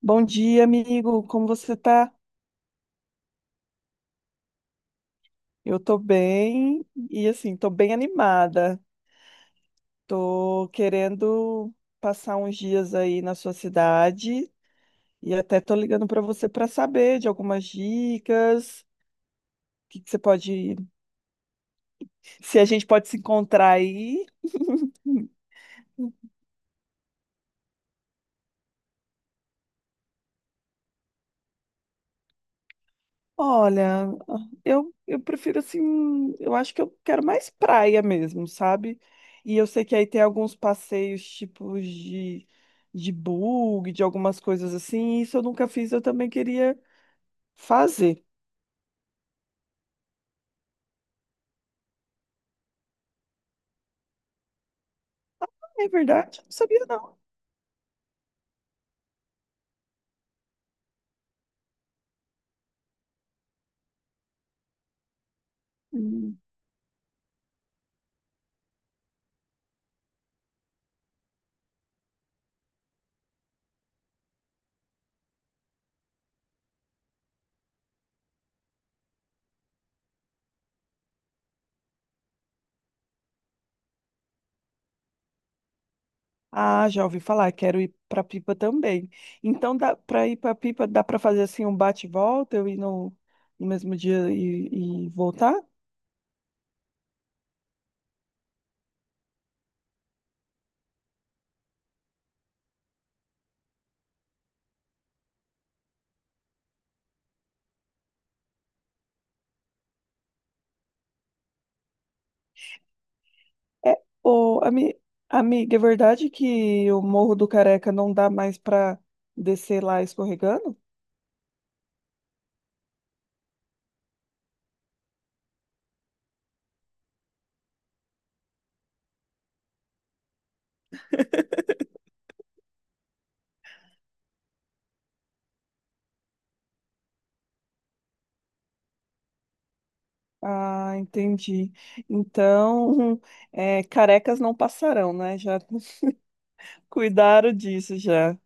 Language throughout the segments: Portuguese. Bom dia, amigo. Como você tá? Eu tô bem e assim, tô bem animada. Tô querendo passar uns dias aí na sua cidade e até tô ligando para você para saber de algumas dicas, o que que você pode, se a gente pode se encontrar aí. Olha, eu prefiro assim, eu acho que eu quero mais praia mesmo, sabe? E eu sei que aí tem alguns passeios tipos de bug, de algumas coisas assim, e isso eu nunca fiz, eu também queria fazer. É verdade, eu não sabia não. Hum. Ah, já ouvi falar, quero ir pra Pipa também. Então dá para ir pra Pipa, dá pra fazer assim um bate e volta, eu ir no mesmo dia e voltar? É, ô, amiga, é verdade que o Morro do Careca não dá mais para descer lá escorregando? Ah, entendi. Então, é, carecas não passarão, né? Já cuidaram disso, já.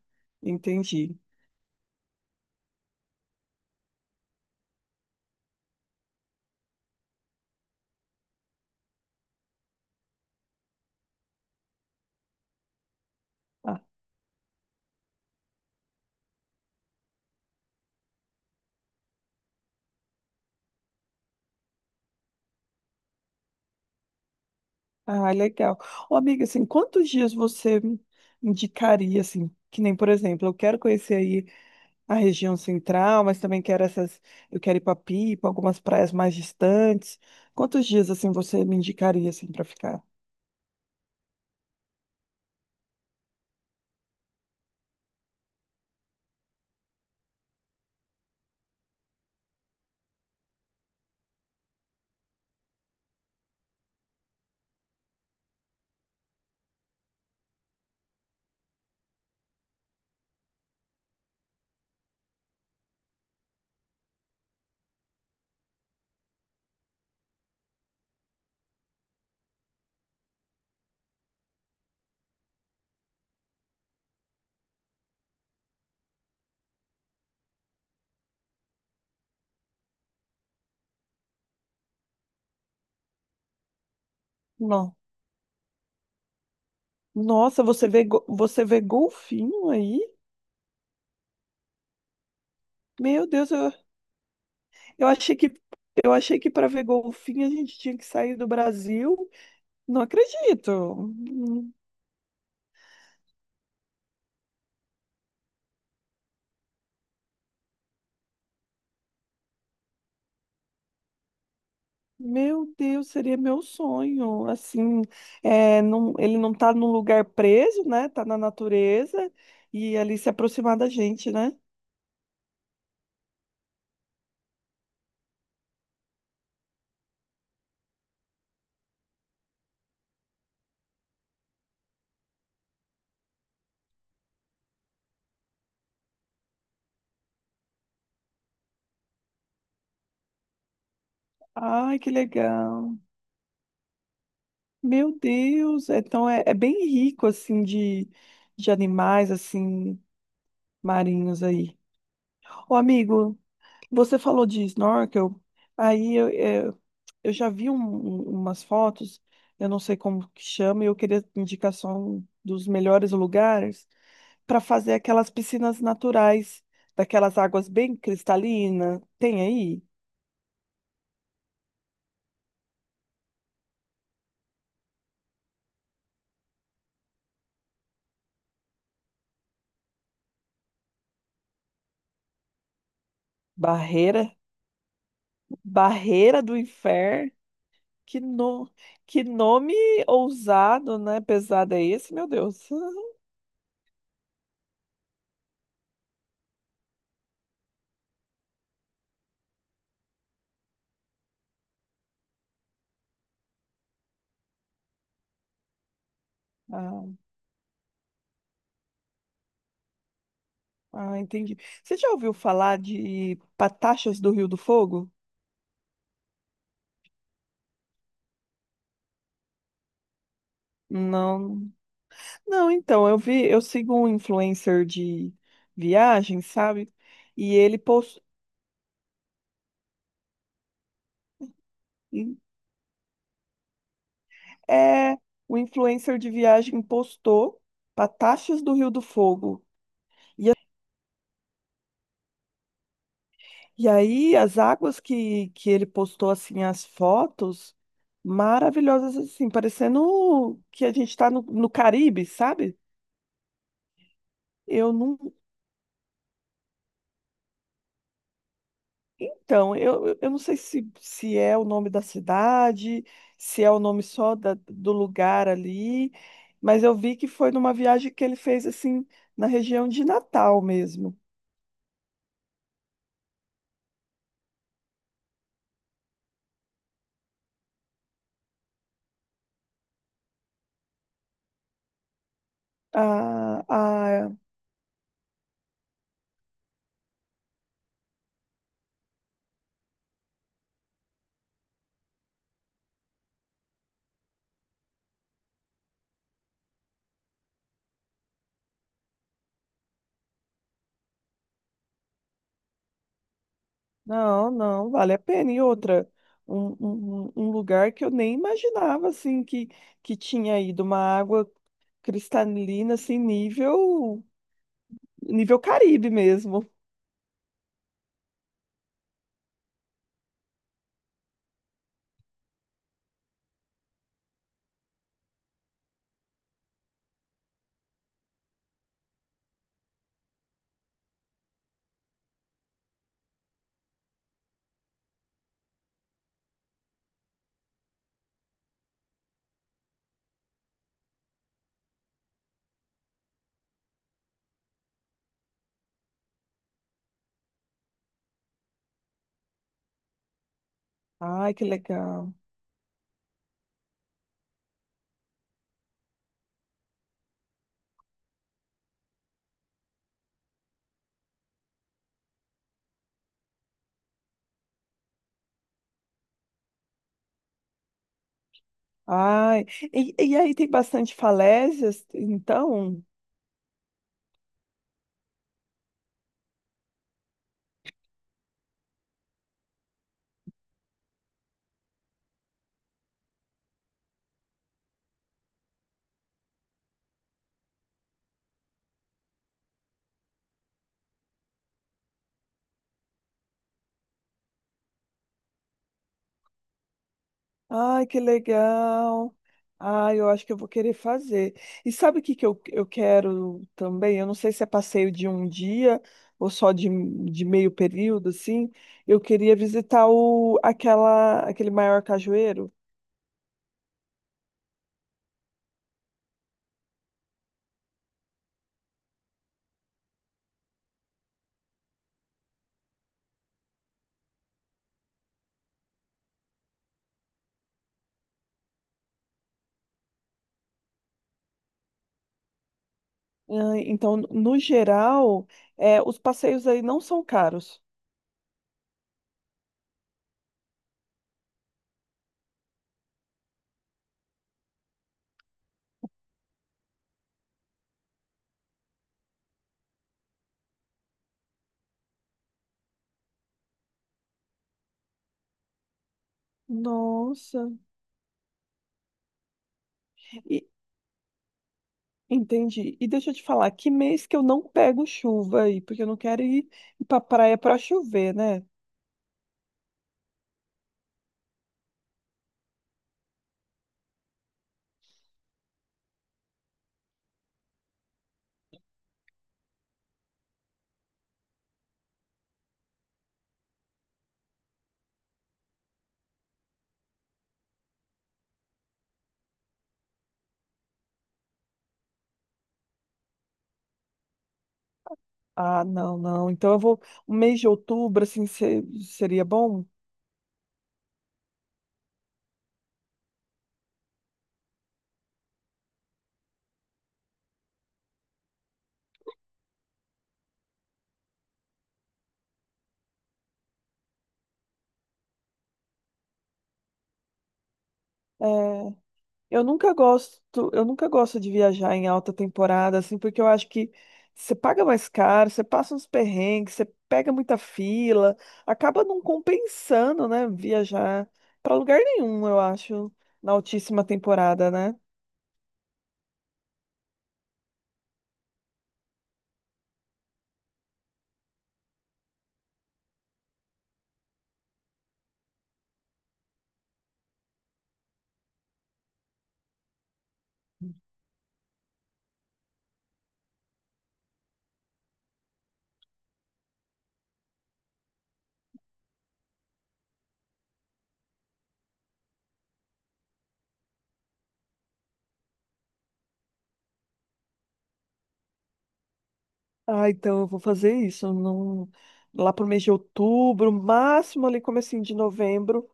Entendi. Ah, ah, legal. Ô, amiga, assim, quantos dias você me indicaria, assim, que nem, por exemplo, eu quero conhecer aí a região central, mas também quero essas, eu quero ir para Pipa, algumas praias mais distantes. Quantos dias assim você me indicaria assim para ficar? Não. Nossa, você vê você vê golfinho aí? Meu Deus, eu achei que eu achei que para ver golfinho a gente tinha que sair do Brasil. Não acredito. Hum. Meu Deus, seria meu sonho. Assim, é, não, ele não tá num lugar preso, né? Tá na natureza e ali se aproximar da gente, né? Ai, que legal. Meu Deus, então é, é bem rico assim de animais assim marinhos aí. Ô amigo, você falou de snorkel, aí eu, é, eu já vi umas fotos, eu não sei como que chama, e eu queria indicação dos melhores lugares para fazer aquelas piscinas naturais, daquelas águas bem cristalinas. Tem aí? Barreira, Barreira do Inferno. Que, no... que nome ousado, né? Pesado é esse, meu Deus. Ah, ah, entendi. Você já ouviu falar de Patachas do Rio do Fogo? Não. Não, então, eu vi, eu sigo um influencer de viagem, sabe? E ele postou. É, o influencer de viagem postou Pataxes do Rio do Fogo. E aí, as águas que ele postou, assim, as fotos maravilhosas, assim, parecendo que a gente está no Caribe, sabe? Eu não. Então, eu, eu não sei se, se é o nome da cidade, se é o nome só do lugar ali, mas eu vi que foi numa viagem que ele fez, assim, na região de Natal mesmo. A. Não, não, vale a pena. E outra, um lugar que eu nem imaginava, assim, que tinha ido uma água cristalina, assim, nível, nível Caribe mesmo. Ai, que legal. Ai, e aí tem bastante falésias, então? Ai, que legal. Ai, eu acho que eu vou querer fazer. E sabe o que que eu quero também? Eu não sei se é passeio de um dia ou só de meio período, assim. Eu queria visitar o, aquela, aquele maior cajueiro. Ah, então, no geral, é, os passeios aí não são caros. Nossa. E, entendi. E deixa eu te falar, que mês que eu não pego chuva aí? Porque eu não quero ir, ir pra praia pra chover, né? Ah, não, não. Então eu vou. O mês de outubro, assim, seria bom? É, eu nunca gosto, eu nunca gosto de viajar em alta temporada, assim, porque eu acho que você paga mais caro, você passa uns perrengues, você pega muita fila, acaba não compensando, né, viajar para lugar nenhum, eu acho, na altíssima temporada, né? Ah, então eu vou fazer isso. Não... Lá pro mês de outubro, máximo ali comecinho de novembro,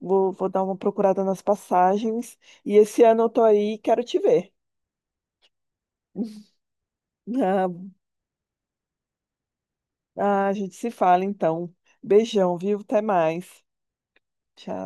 vou, vou dar uma procurada nas passagens. E esse ano eu tô aí, quero te ver. Ah, ah, a gente se fala então. Beijão, viu? Até mais. Tchau.